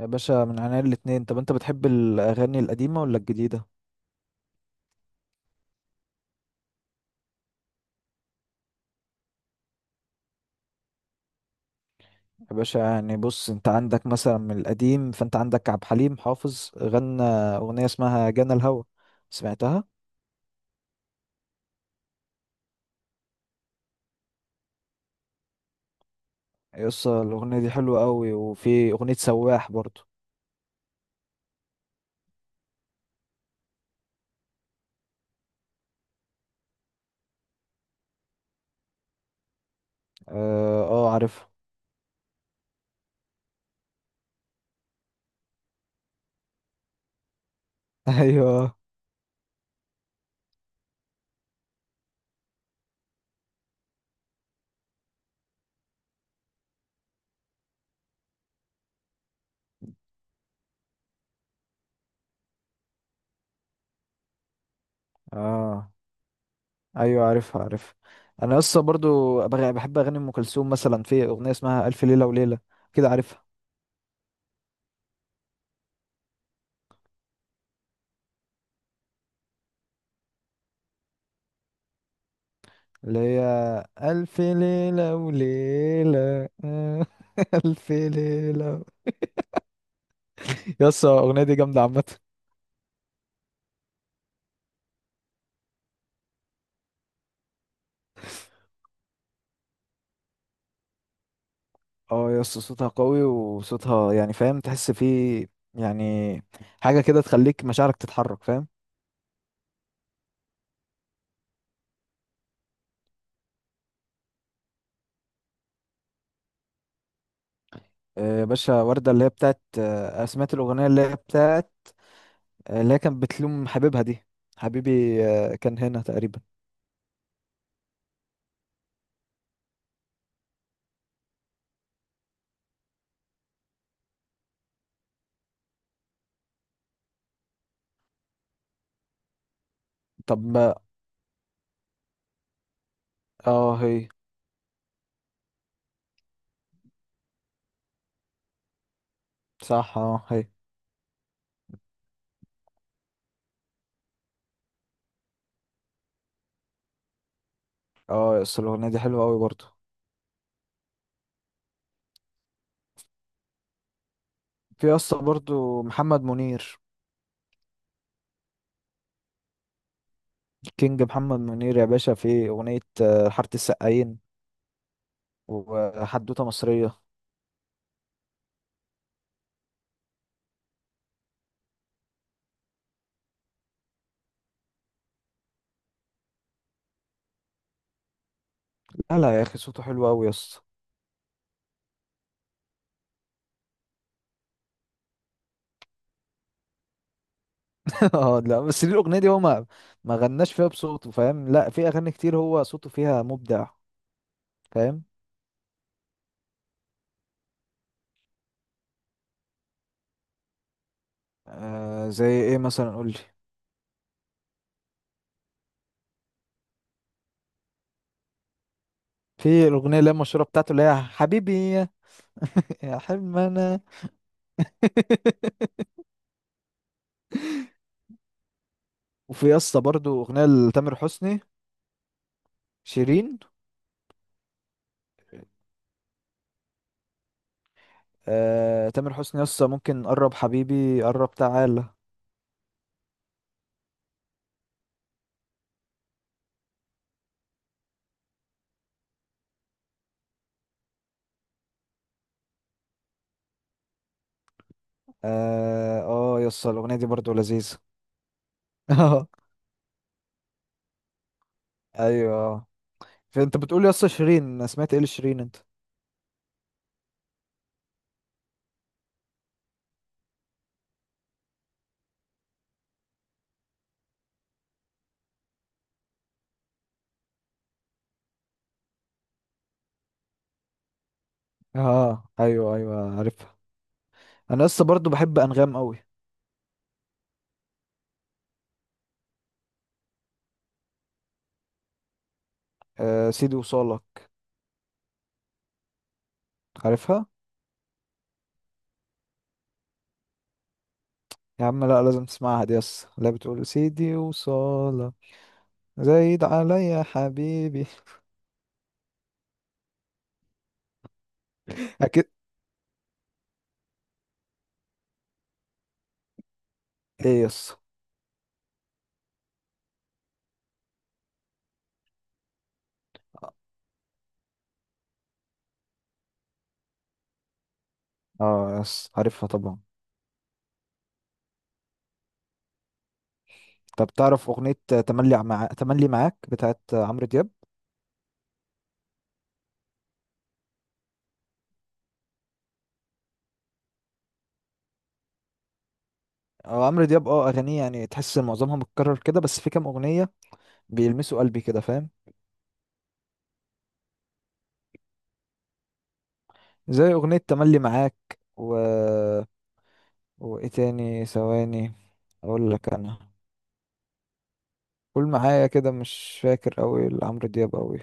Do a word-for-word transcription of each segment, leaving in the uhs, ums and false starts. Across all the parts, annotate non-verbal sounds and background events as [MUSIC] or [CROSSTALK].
يا باشا من عينيا الاتنين. طب انت بتحب الاغاني القديمه ولا الجديده؟ يا باشا يعني بص، انت عندك مثلا من القديم، فانت عندك عبد الحليم حافظ غنى اغنيه اسمها جانا الهوى. سمعتها؟ يس الاغنيه دي حلوه قوي، وفي اغنيه سواح برضو. اه, آه عارفها. [LAUGHS] ايوه. اه ايوه عارفها عارفها. انا لسه برضو بغ- بحب اغاني ام كلثوم، مثلا في اغنيه اسمها الف ليله وليله. كده عارفها؟ اللي هي ألف ليلة وليلة. [LAUGHS] ألف ليلة. يس الأغنية دي جامدة عامة. اه يس، صوتها قوي، وصوتها يعني فاهم، تحس فيه يعني حاجة كده تخليك مشاعرك تتحرك، فاهم. آه، باشا وردة اللي هي بتاعت آه، سمعت الأغنية اللي هي بتاعت آه، اللي هي كانت بتلوم حبيبها دي، حبيبي آه، كان هنا تقريبا. طب ما اه هي. صح اه هي. اه يس الأغنية دي حلوة قوي برضو. في يس برضو محمد منير. كينج محمد منير يا باشا، في أغنية آه، حارة السقايين وحدوتة مصرية. لا لا يا أخي، صوته حلو أوي يا اسطى. [LAUGHS] اه لا، بس ليه الأغنية دي هو ما ما غناش فيها بصوته، فاهم. لا، في أغاني كتير هو صوته فيها مبدع، فاهم. آه، زي إيه مثلا؟ قولي. في الأغنية اللي هي المشهورة بتاعته، اللي هي حبيبي يا [LAUGHS] يا حلم أنا. [LAUGHS] وفي يا اسطى برضه أغنية لتامر حسني. شيرين. آه، تامر حسني يا اسطى ممكن قرب حبيبي، قرب تعالى. اه آه، يس الاغنيه دي برضو لذيذه. [LAUGHS] اه ايوه. فانت بتقول يس شيرين؟ أنا سمعت ايه لشيرين انت. اه ايوه ايوه عارفها. انا لسه برضو بحب انغام قوي. آه سيدي وصالة، عارفها؟ يا عم لا لازم تسمعها دي، يس لا بتقول سيدي وصالة زايد عليا حبيبي. [LAUGHS] اكيد. ايه يس؟ اه يس عارفها طبعا. طب تعرف اغنية تملي، مع تملي معاك بتاعت عمرو دياب؟ اه عمرو دياب، اه اغانيه يعني تحس ان معظمها متكرر كده، بس في كام اغنية بيلمسوا قلبي كده، فاهم. زي أغنية تملي معاك و... وإيه تاني، ثواني أقول لك أنا. قول معايا، كده مش فاكر أوي لعمرو دياب أوي.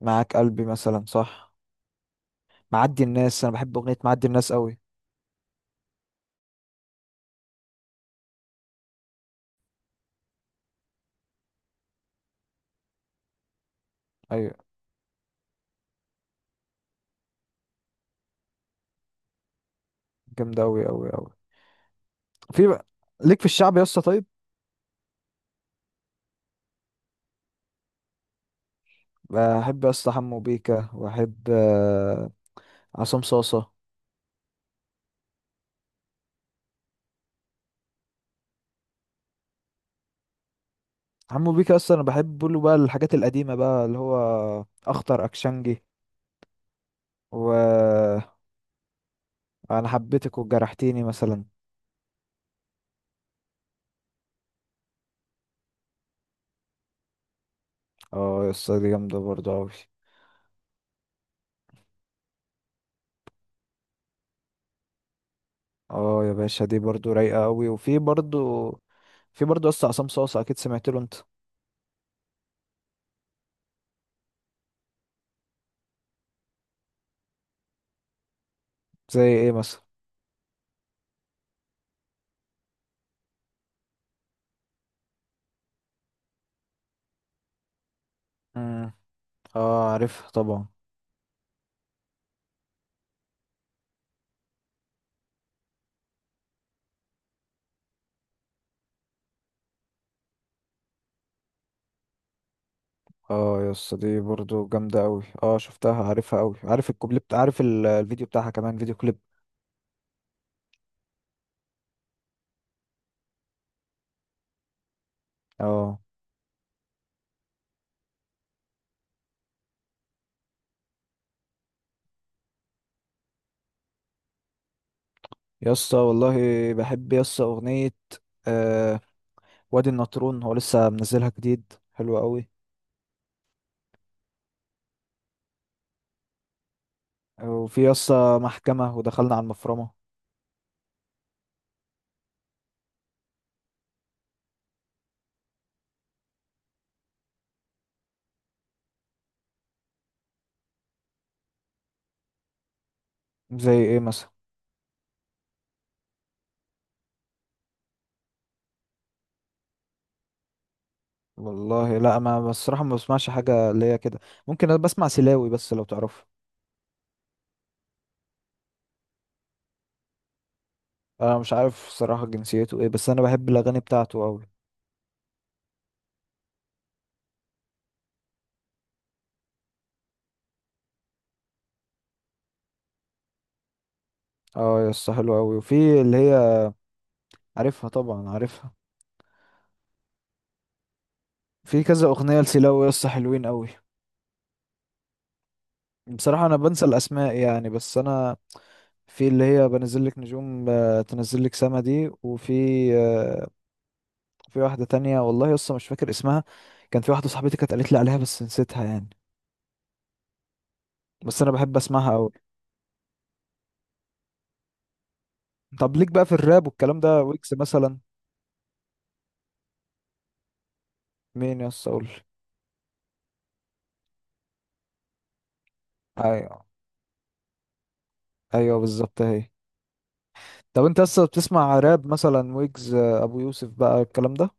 معاك قلبي مثلا، صح. معدي الناس، أنا بحب أغنية معدي الناس أوي. أيوة. جامدة أوي أوي أوي. في بقى ليك في الشعب يا اسطى؟ طيب بحب يا اسطى حمو بيكا، وأحب آه، عصام صاصة. حمو بيكا اصلا انا بحب له بقى الحاجات القديمه، بقى اللي هو اخطر اكشنجي، و انا حبيتك وجرحتيني مثلا. اه يا اسطى دي جامده برضو قوي. اه يا باشا دي برضو رايقه قوي، وفي برضو، في برضو يا اسطى عصام صاصا، اكيد سمعت له انت. زي ايه مثلا؟ امم. اه عارفها طبعا. اه يا اسطى دي برضو جامده قوي. اه شفتها، عارفها قوي، عارف الكوبليه بتاع، عارف ال- الفيديو بتاعها، كمان فيديو كليب. اه يا اسطى والله بحب يا اسطى اغنيه آه وادي النطرون، هو لسه منزلها جديد، حلوه قوي. وفي يا اسطى محكمه ودخلنا على المفرمه. زي ايه مثلا؟ والله لا، ما بصراحة ما بسمعش حاجة اللي هي كده. ممكن انا بسمع سلاوي، بس لو تعرفه. انا مش عارف الصراحة جنسيته ايه، بس انا بحب الاغاني بتاعته اوي. اه يس حلو اوي، وفي اللي هي عارفها طبعا، عارفها. في كذا اغنية لسلاوي يس، حلوين اوي. بصراحة انا بنسى الاسماء يعني، بس انا في اللي هي بنزل لك نجوم، آه، تنزل لك سما دي، وفي آه، في واحدة تانية والله يس مش فاكر اسمها. كان في واحدة صاحبتي كانت قالت لي عليها بس نسيتها يعني. بس انا بحب اسمعها اوي. طب ليك بقى في الراب والكلام ده، ويكس مثلا؟ مين يا اسطى؟ اقول. ايوه. ايوه بالظبط اهي. طب انت لسه بتسمع راب مثلا، ويجز، آه، ابو يوسف، بقى الكلام ده.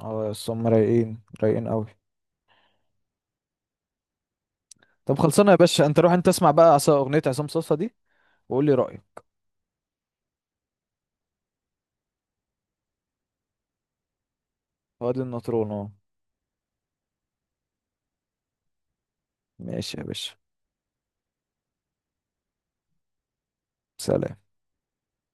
اه يا اسطى هم رايقين رايقين قوي. طب خلصانه يا باشا، انت روح انت اسمع بقى عصا- اغنيه عصام صاصا دي وقول لي رايك. وادي النطرون اه. ماشي يا باشا. سلام.